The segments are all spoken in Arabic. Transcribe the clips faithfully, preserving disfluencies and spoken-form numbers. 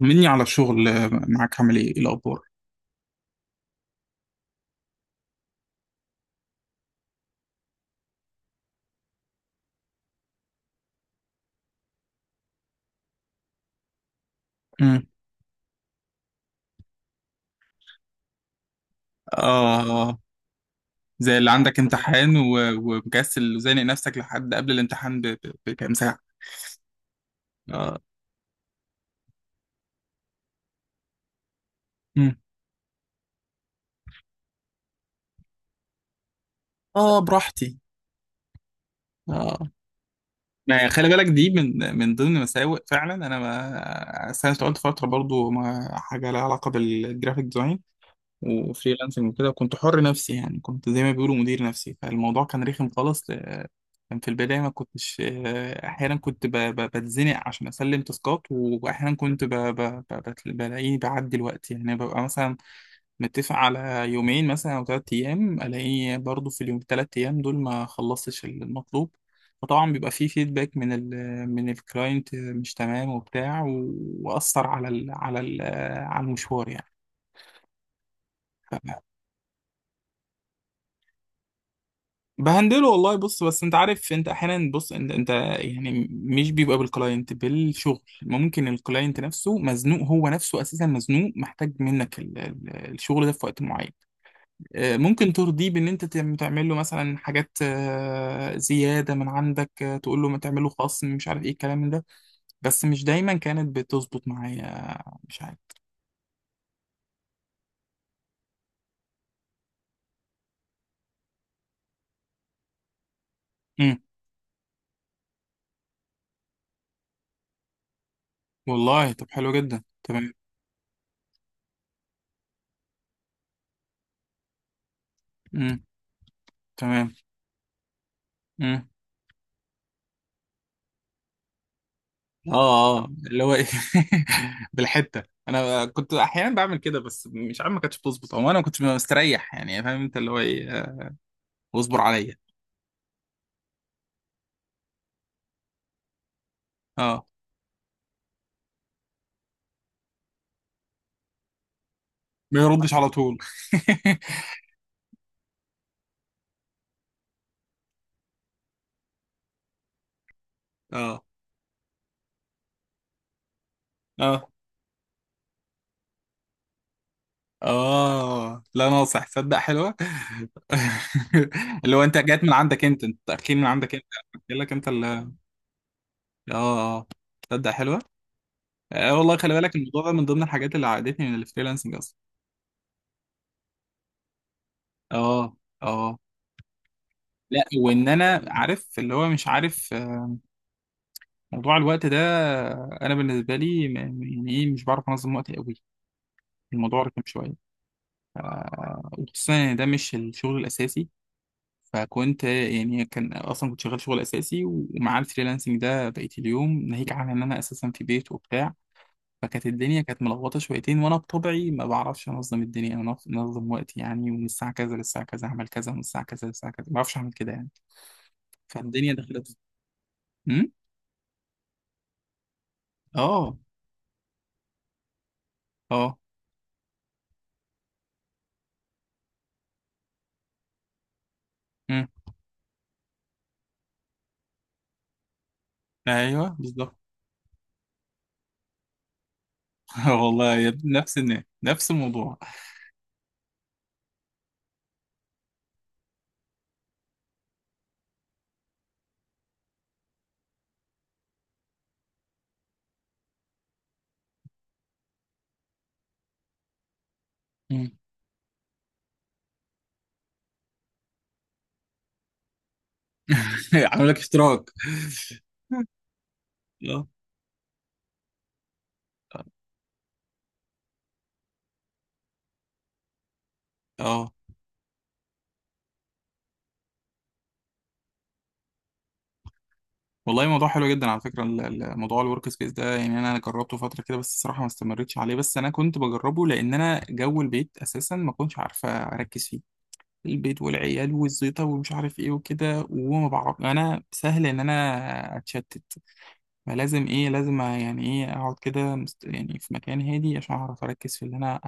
طمني على الشغل آه، معاك؟ عامل ايه؟ إيه الاخبار؟ امم. اه، زي اللي عندك امتحان و- ومكسل وزانق نفسك لحد قبل الامتحان ب- ب- بكام ساعه. اه. امم. اه، براحتي. اه، ما خلي بالك دي من من ضمن مساوئ فعلا. انا ما أصل انا اشتغلت فتره برضو ما حاجه لها علاقه بالجرافيك ديزاين وفريلانسنج وكده، وكنت حر نفسي يعني، كنت زي ما بيقولوا مدير نفسي، فالموضوع كان رخم خالص. كان في البداية ما كنتش آه، أحيانا كنت ب- ب- بتزنق عشان أسلم تاسكات، وأحيانا كنت ب- ب- ب- بت- بلاقيه بعدي الوقت، يعني ببقى مثلا متفق على يومين مثلا أو تلات أيام، ألاقيه برضه في اليوم التلات أيام دول ما خلصتش المطلوب. فطبعا بيبقى فيه فيدباك من ال من الكلاينت مش تمام وبتاع، و- وأثر على ال على ال على المشوار يعني. بهندله والله، بص، بس انت عارف، انت احيانا، بص انت, انت يعني مش بيبقى بالكلاينت، بالشغل، ممكن الكلاينت نفسه مزنوق، هو نفسه اساسا مزنوق، محتاج منك ال- ال- الشغل ده في وقت معين. اه، ممكن ترضيه بان انت تعم- تعمل له مثلا حاجات، اه، زياده من عندك، اه، تقول له ما تعمل له خصم، مش عارف ايه الكلام ده. بس مش دايما كانت بتظبط معايا. مش عارف. امم. والله طب حلو جدا، تمام. امم. تمام. امم. اه اه، اللي هو ايه. بالحته. انا كنت احيانا بعمل كده، بس مش عارف ما كانتش بتظبط، او انا ما كنتش مستريح، يعني فاهم انت اللي هو ايه؟ آه، واصبر عليا. اه، ما يردش على طول. اه. اه. اه، لا ناصح، تصدق حلوه. اللي هو انت جات من عندك انت، انت تاكيد من عندك انت، قلت لك انت اللي اه. اه. آه. تصدق حلوه. آه والله، خلي بالك الموضوع ده من ضمن الحاجات اللي عقدتني من الفريلانسنج اصلا. اه. اه، لا، وان انا عارف اللي هو مش عارف آه، موضوع الوقت ده، انا بالنسبه لي م- يعني ايه مش بعرف انظم وقتي قوي. الموضوع رخم شويه. آه، وخصوصا ان ده مش الشغل الاساسي. فكنت يعني، كان اصلا كنت شغال شغل اساسي، ومع الفريلانسنج ده بقيت اليوم، ناهيك عن ان انا اساسا في بيت وبتاع، فكانت الدنيا كانت ملخبطه شويتين. وانا بطبعي ما بعرفش انظم الدنيا، انا انظم وقتي يعني، ومن الساعه كذا للساعه كذا اعمل كذا، ومن الساعه كذا للساعه كذا، ما بعرفش اعمل كده يعني. فالدنيا دخلت. امم. اه. اه. مم. ايوه بالظبط. والله يا ابني، نفس الناس نفس الموضوع. مم. عامل لك اشتراك. اه. اه. والله موضوع حلو جدا على فكره، ال- ال- موضوع الورك سبيس ده، يعني انا جربته فتره كده، بس الصراحه ما استمرتش عليه. بس انا كنت بجربه لان انا جو البيت اساسا ما كنتش عارفه اركز فيه. البيت والعيال والزيطه ومش عارف ايه وكده، وما بعرف، انا سهل ان انا اتشتت. فلازم ايه، لازم يعني ايه اقعد كده مست- يعني في مكان هادي عشان اعرف اركز في اللي انا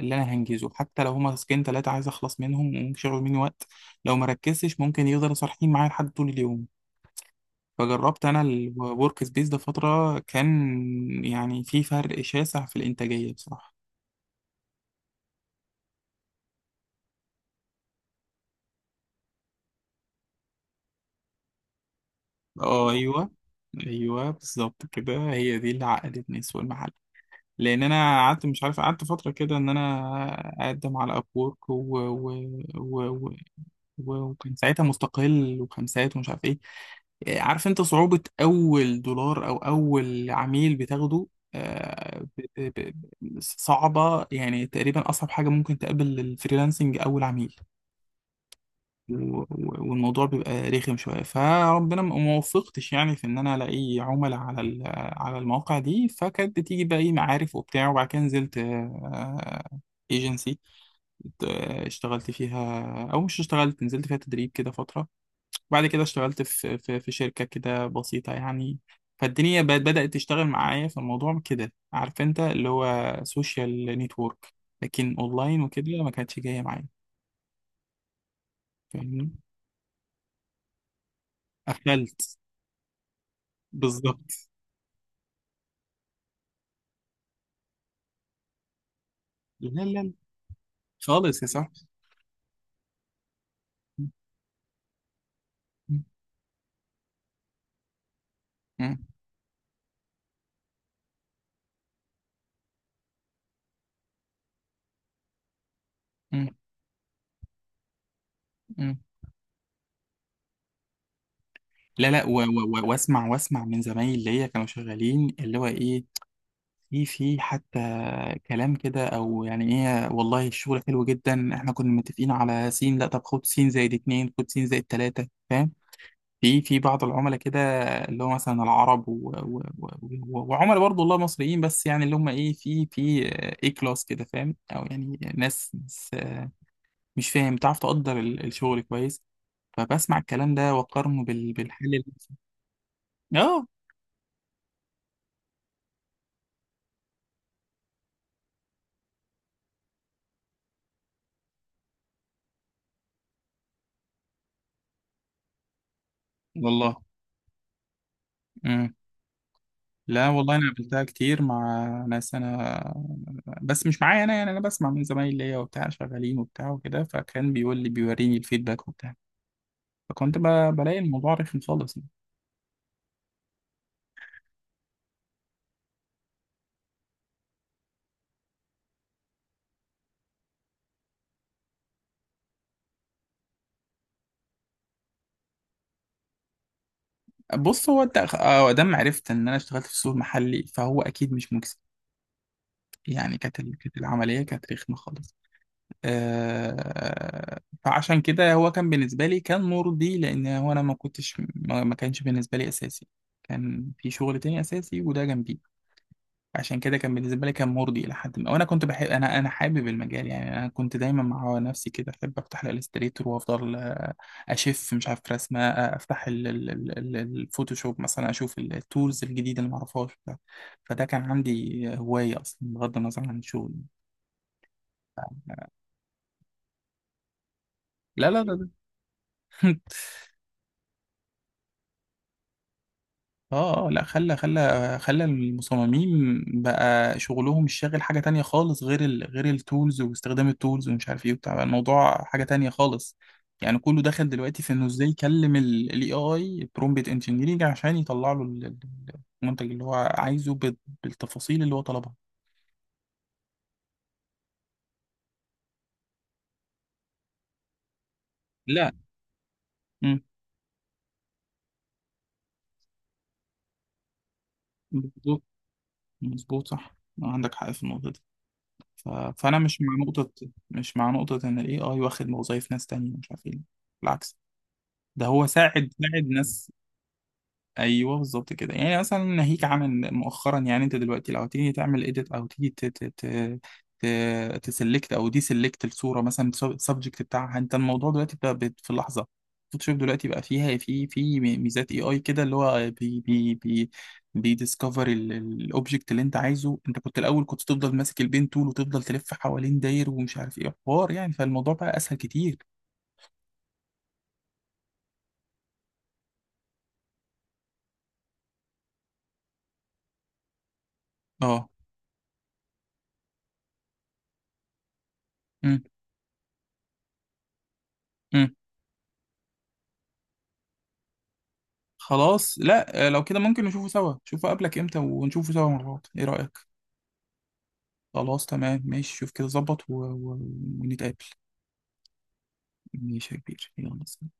اللي انا هنجزه، حتى لو هما تاسكين تلاتة عايز اخلص منهم وممكن مني وقت، لو ما ركزتش ممكن يفضلوا صارحين معايا لحد طول اليوم. فجربت انا الورك سبيس ده فترة، كان يعني في فرق شاسع في الانتاجية بصراحة. اه. ايوه، ايوه بالظبط كده، هي دي اللي عقدتني سوق المحل. لان انا قعدت مش عارف، قعدت فتره كده ان انا اقدم على ابورك و... و... و... وكان ساعتها مستقل وخمسات ومش عارف ايه. آه، عارف انت صعوبة أول دولار أو أول عميل بتاخده؟ آه، ب- ب- ب- صعبة يعني، تقريبا أصعب حاجة ممكن تقابل الفريلانسنج أول عميل. و- و- والموضوع بيبقى رخم شوية. فربنا ما ما وفقتش يعني في إن أنا ألاقي عملاء على ال- على المواقع دي. فكانت بتيجي بقى إيه، معارف وبتاع، وبعد كده نزلت ايجنسي، اشتغلت فيها، أو مش اشتغلت، نزلت فيها تدريب كده فترة. بعد كده اشتغلت في في في شركة كده بسيطة يعني. فالدنيا بقت بدأت تشتغل معايا في الموضوع كده، عارف انت اللي هو سوشيال نتورك، لكن اونلاين وكده ما كانتش جاية معايا. فاهمني، قفلت بالظبط. لا لا لا. خالص يا صاحبي. م- م- م- م. لا لا، و- و- و- واسمع، واسمع من زمايلي اللي هي كانوا شغالين، اللي هو ايه، في في حتى كلام كده، او يعني ايه والله الشغل حلو جدا، احنا كنا متفقين على سين، لا طب خد سين زائد اتنين، خد سين زائد تلاتة، فاهم؟ في في بعض العملاء كده، اللي هو مثلا العرب و... و... و... و... وعملاء برضه والله مصريين، بس يعني اللي هم ايه، في في اي كلاس كده، فاهم؟ او يعني ناس, ناس آه، مش فاهم، بتعرف تقدر ال- الشغل كويس. فبسمع الكلام ده واقارنه بال... بالحل اللي اه. والله لا والله، انا قابلتها كتير مع ناس، انا بس مش معايا انا يعني، انا بسمع من زمايلي ليا وبتاع شغالين وبتاع وكده، فكان بيقول لي بيوريني الفيدباك وبتاع. فكنت ب- بلاقي الموضوع رخم خالص يعني. بص، هو انت آه، دام عرفت ان انا اشتغلت في السوق المحلي فهو اكيد مش مكسب يعني. كانت ال- كانت العمليه كانت رخمه خالص. آه. فعشان كده هو كان بالنسبه لي كان مرضي، لان هو انا ما كنتش، ما ما كانش بالنسبه لي اساسي، كان في شغل تاني اساسي، وده جنبي. عشان كده كان بالنسبه لي كان مرضي الى حد ما. وانا كنت بحب، انا انا حابب المجال يعني، انا كنت دايما مع نفسي كده احب افتح الالستريتور، وافضل آه، اشف مش عارف رسمه، آه، افتح ال- ال- ال- ال- الفوتوشوب مثلا، اشوف التولز الجديده اللي ما اعرفهاش. ف- فده كان عندي هوايه اصلا بغض النظر عن الشغل. لا لا لا لا. اه. اه، لا، خلى خلى خلى المصممين بقى شغلهم الشاغل حاجة تانية خالص، غير ال غير التولز واستخدام التولز ومش عارف ايه وبتاع. بقى الموضوع حاجة تانية خالص يعني. كله دخل دلوقتي في انه ازاي يكلم الاي اي، برومبت انجينيرنج عشان يطلع له ال- ال- المنتج اللي هو عايزه بال- بالتفاصيل اللي هو طلبها. لا. مم. مظبوط، مظبوط صح، عندك حق في النقطة دي. ف... فأنا مش مع نقطة، مش مع نقطة إن ال إيه آي واخد وظايف ناس تانية مش عارف ايه. بالعكس، ده هو ساعد، ساعد ناس. ايوه بالظبط كده يعني، مثلا ناهيك عمل مؤخرا يعني، انت دلوقتي لو تيجي تعمل اديت، او تيجي ت ت ت ت تسلكت او دي سلكت الصوره مثلا، السبجكت بتاعها انت، الموضوع دلوقتي بقى بت- في اللحظه. فوتوشوب دلوقتي بقى فيها، في في ميزات اي اي كده، اللي هو بي بي بي بيديسكفر الاوبجكت اللي انت عايزه. انت كنت الاول كنت تفضل ماسك البين تول وتفضل تلف حوالين داير ومش عارف ايه حوار يعني. فالموضوع بقى اسهل كتير. اه. إمم. إمم. خلاص، لا آه، لو كده ممكن نشوفه سوا، شوفه قبلك امتى ونشوفه سوا مرات، ايه رأيك؟ خلاص تمام ماشي، شوف كده ظبط و... و... ونتقابل. ماشي يا كبير، يلا سلام.